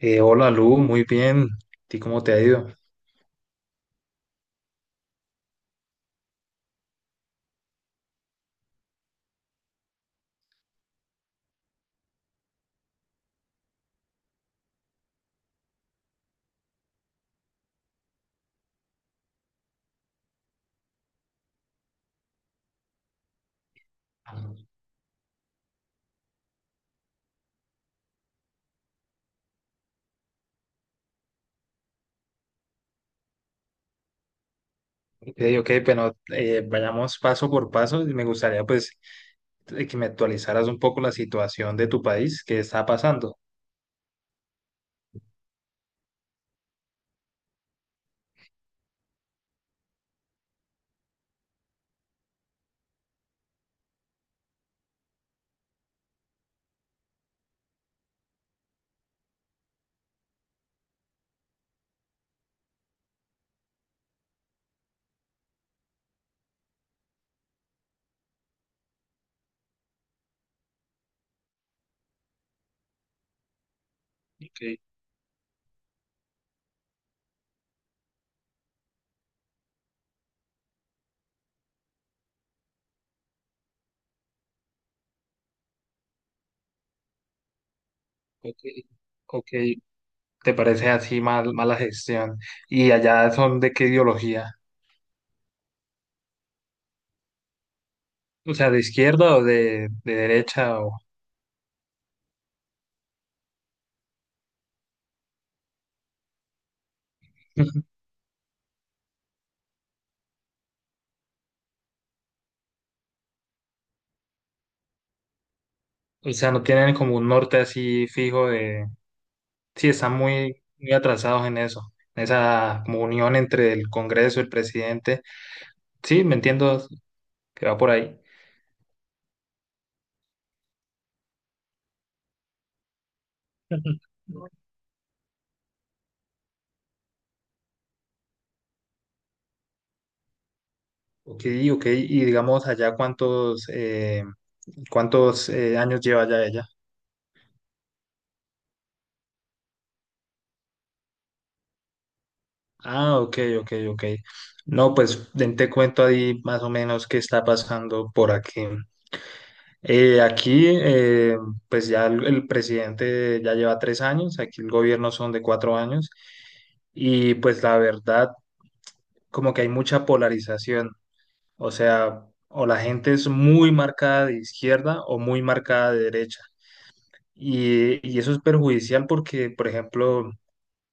Hola Lu, muy bien. ¿Y cómo te ha ido? Ok, ok, bueno, vayamos paso por paso. Me gustaría pues que me actualizaras un poco la situación de tu país, qué está pasando. Ok, ok, ok. ¿Te parece así mal, mala gestión? ¿Y allá son de qué ideología? O sea, ¿de izquierda o de derecha? O... O sea, no tienen como un norte así fijo de... Sí, están muy, muy atrasados en eso, en esa como unión entre el Congreso, el presidente. Sí, me entiendo que va por ahí. Ujú. Ok, ok. Y digamos allá cuántos, cuántos años lleva ya ella. Ah, ok, ok, ok. No, pues ven, te cuento ahí más o menos qué está pasando por aquí. Eh, aquí, eh, pues ya el presidente ya lleva 3 años, aquí el gobierno son de 4 años. Y pues la verdad, como que hay mucha polarización. O sea, o la gente es muy marcada de izquierda o muy marcada de derecha. Y eso es perjudicial porque, por ejemplo,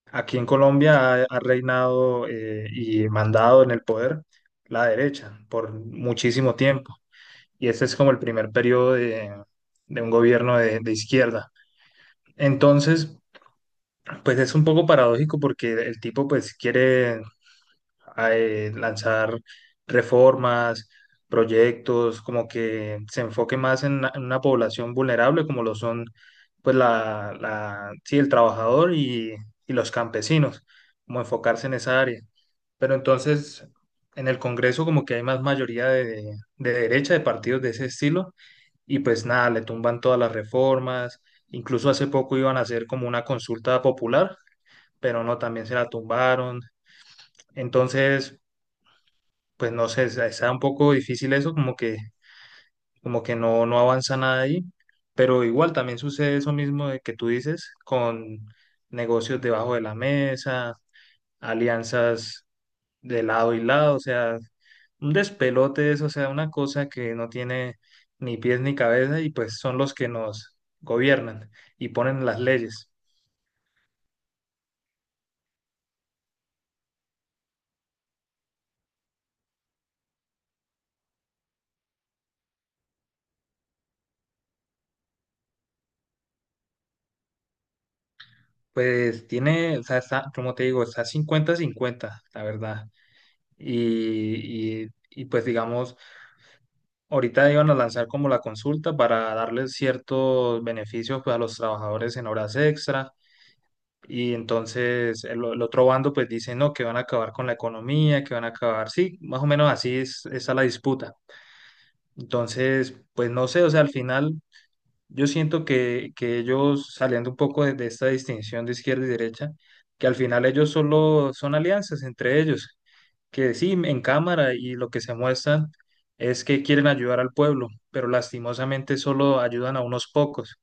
aquí en Colombia ha reinado y mandado en el poder la derecha por muchísimo tiempo. Y este es como el primer periodo de un gobierno de izquierda. Entonces, pues es un poco paradójico porque el tipo pues quiere lanzar reformas, proyectos, como que se enfoque más en una población vulnerable como lo son pues sí, el trabajador y los campesinos, como enfocarse en esa área. Pero entonces en el Congreso como que hay más mayoría de derecha, de partidos de ese estilo, y pues nada, le tumban todas las reformas, incluso hace poco iban a hacer como una consulta popular, pero no, también se la tumbaron. Entonces, pues no sé, está un poco difícil eso, como que no, no avanza nada ahí, pero igual también sucede eso mismo de que tú dices, con negocios debajo de la mesa, alianzas de lado y lado, o sea, un despelote eso, o sea, una cosa que no tiene ni pies ni cabeza y pues son los que nos gobiernan y ponen las leyes. Pues tiene, o sea, está, como te digo, está cincuenta cincuenta la verdad. Y pues digamos, ahorita iban a lanzar como la consulta para darles ciertos beneficios pues, a los trabajadores en horas extra y entonces el otro bando pues dice no, que van a acabar con la economía, que van a acabar, sí, más o menos así es, está la disputa. Entonces, pues no sé, o sea, al final yo siento que ellos saliendo un poco de esta distinción de izquierda y derecha, que al final ellos solo son alianzas entre ellos que sí, en cámara y lo que se muestran es que quieren ayudar al pueblo, pero lastimosamente solo ayudan a unos pocos,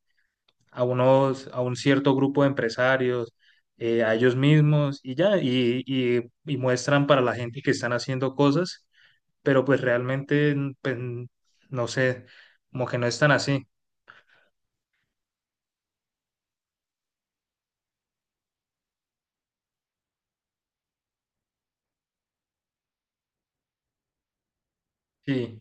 a unos, a un cierto grupo de empresarios, a ellos mismos y ya, y muestran para la gente que están haciendo cosas, pero pues realmente, pues, no sé, como que no están así. Sí,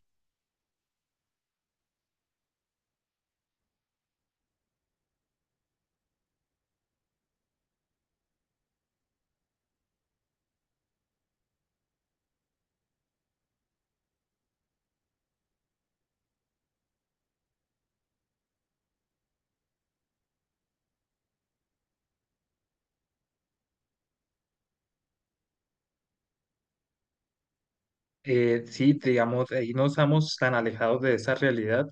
sí, digamos, ahí no estamos tan alejados de esa realidad.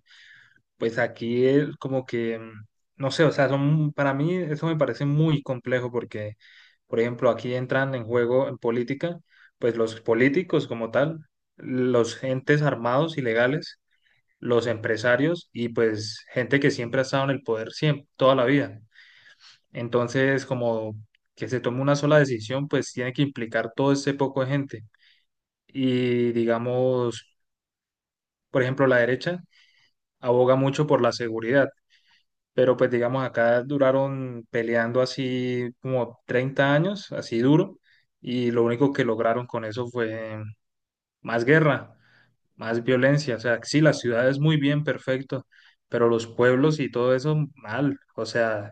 Pues aquí el- como que, no sé, o sea, son, para mí eso me parece muy complejo porque, por ejemplo, aquí entran en juego en política, pues los políticos como tal, los entes armados ilegales, los empresarios y pues gente que siempre ha estado en el poder siempre, toda la vida. Entonces, como que se tome una sola decisión, pues tiene que implicar todo ese poco de gente. Y digamos, por ejemplo, la derecha aboga mucho por la seguridad, pero pues digamos acá duraron peleando así como 30 años, así duro, y lo único que lograron con eso fue más guerra, más violencia, o sea, sí, las ciudades muy bien, perfecto, pero los pueblos y todo eso mal, o sea,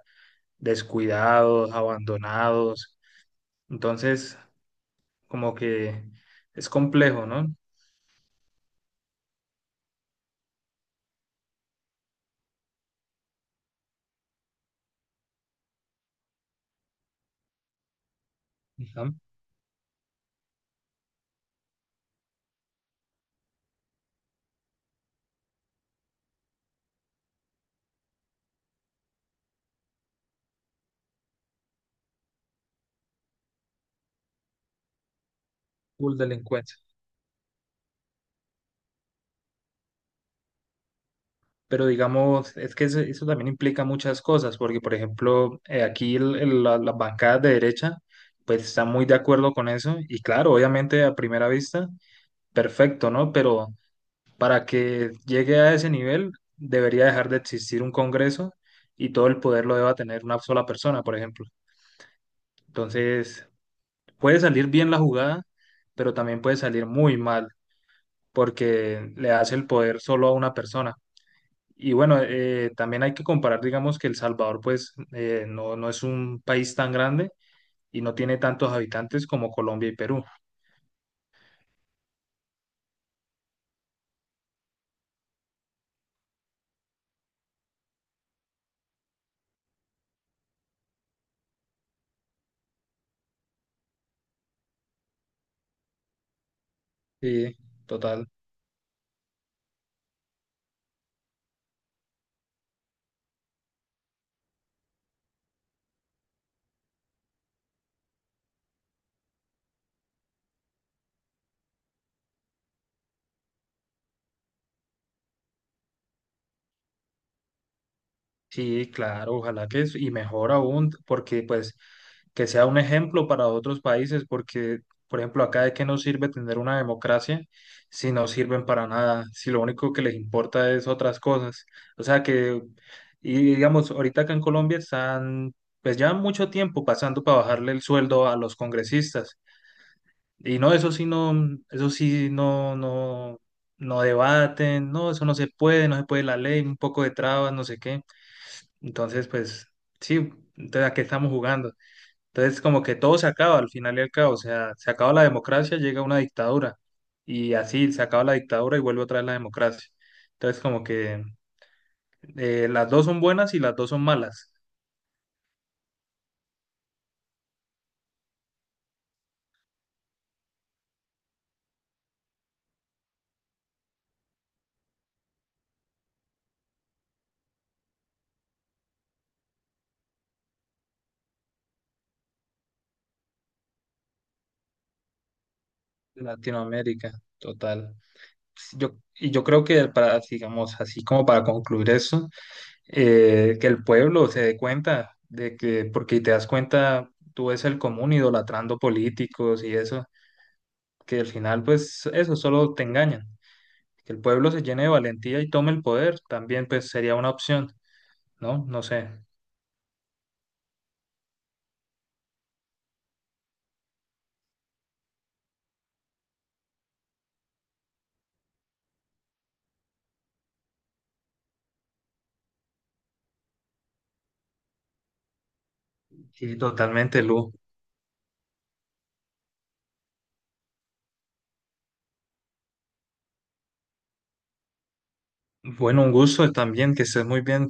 descuidados, abandonados, entonces como que es complejo, ¿no? Ajá, full delincuencia. Pero digamos, es que eso también implica muchas cosas, porque por ejemplo, aquí las bancadas de derecha, pues están muy de acuerdo con eso, y claro, obviamente a primera vista, perfecto, ¿no? Pero para que llegue a ese nivel, debería dejar de existir un Congreso y todo el poder lo deba tener una sola persona, por ejemplo. Entonces, puede salir bien la jugada, pero también puede salir muy mal, porque le hace el poder solo a una persona. Y bueno, también hay que comparar, digamos, que El Salvador, pues, no, no es un país tan grande y no tiene tantos habitantes como Colombia y Perú. Sí, total. Sí, claro, ojalá que es, y mejor aún, porque pues que sea un ejemplo para otros países, porque por ejemplo acá de qué nos sirve tener una democracia si no sirven para nada, si lo único que les importa es otras cosas. O sea que, y digamos, ahorita acá en Colombia están pues ya mucho tiempo pasando para bajarle el sueldo a los congresistas. Y no, eso sí no, eso sí no, no, no debaten, no, eso no se puede, no se puede la ley, un poco de trabas, no sé qué. Entonces, pues sí, entonces ¿a qué estamos jugando? Entonces, como que todo se acaba al final y al cabo, o sea, se acaba la democracia, llega una dictadura y así se acaba la dictadura y vuelve otra vez la democracia. Entonces, como que las dos son buenas y las dos son malas. Latinoamérica, total. Yo creo que para, digamos, así como para concluir eso, que el pueblo se dé cuenta de que, porque te das cuenta, tú ves el común idolatrando políticos y eso que al final pues eso solo te engañan. Que el pueblo se llene de valentía y tome el poder también pues sería una opción, ¿no? No sé. Sí, totalmente, Lu. Bueno, un gusto también, que estés muy bien.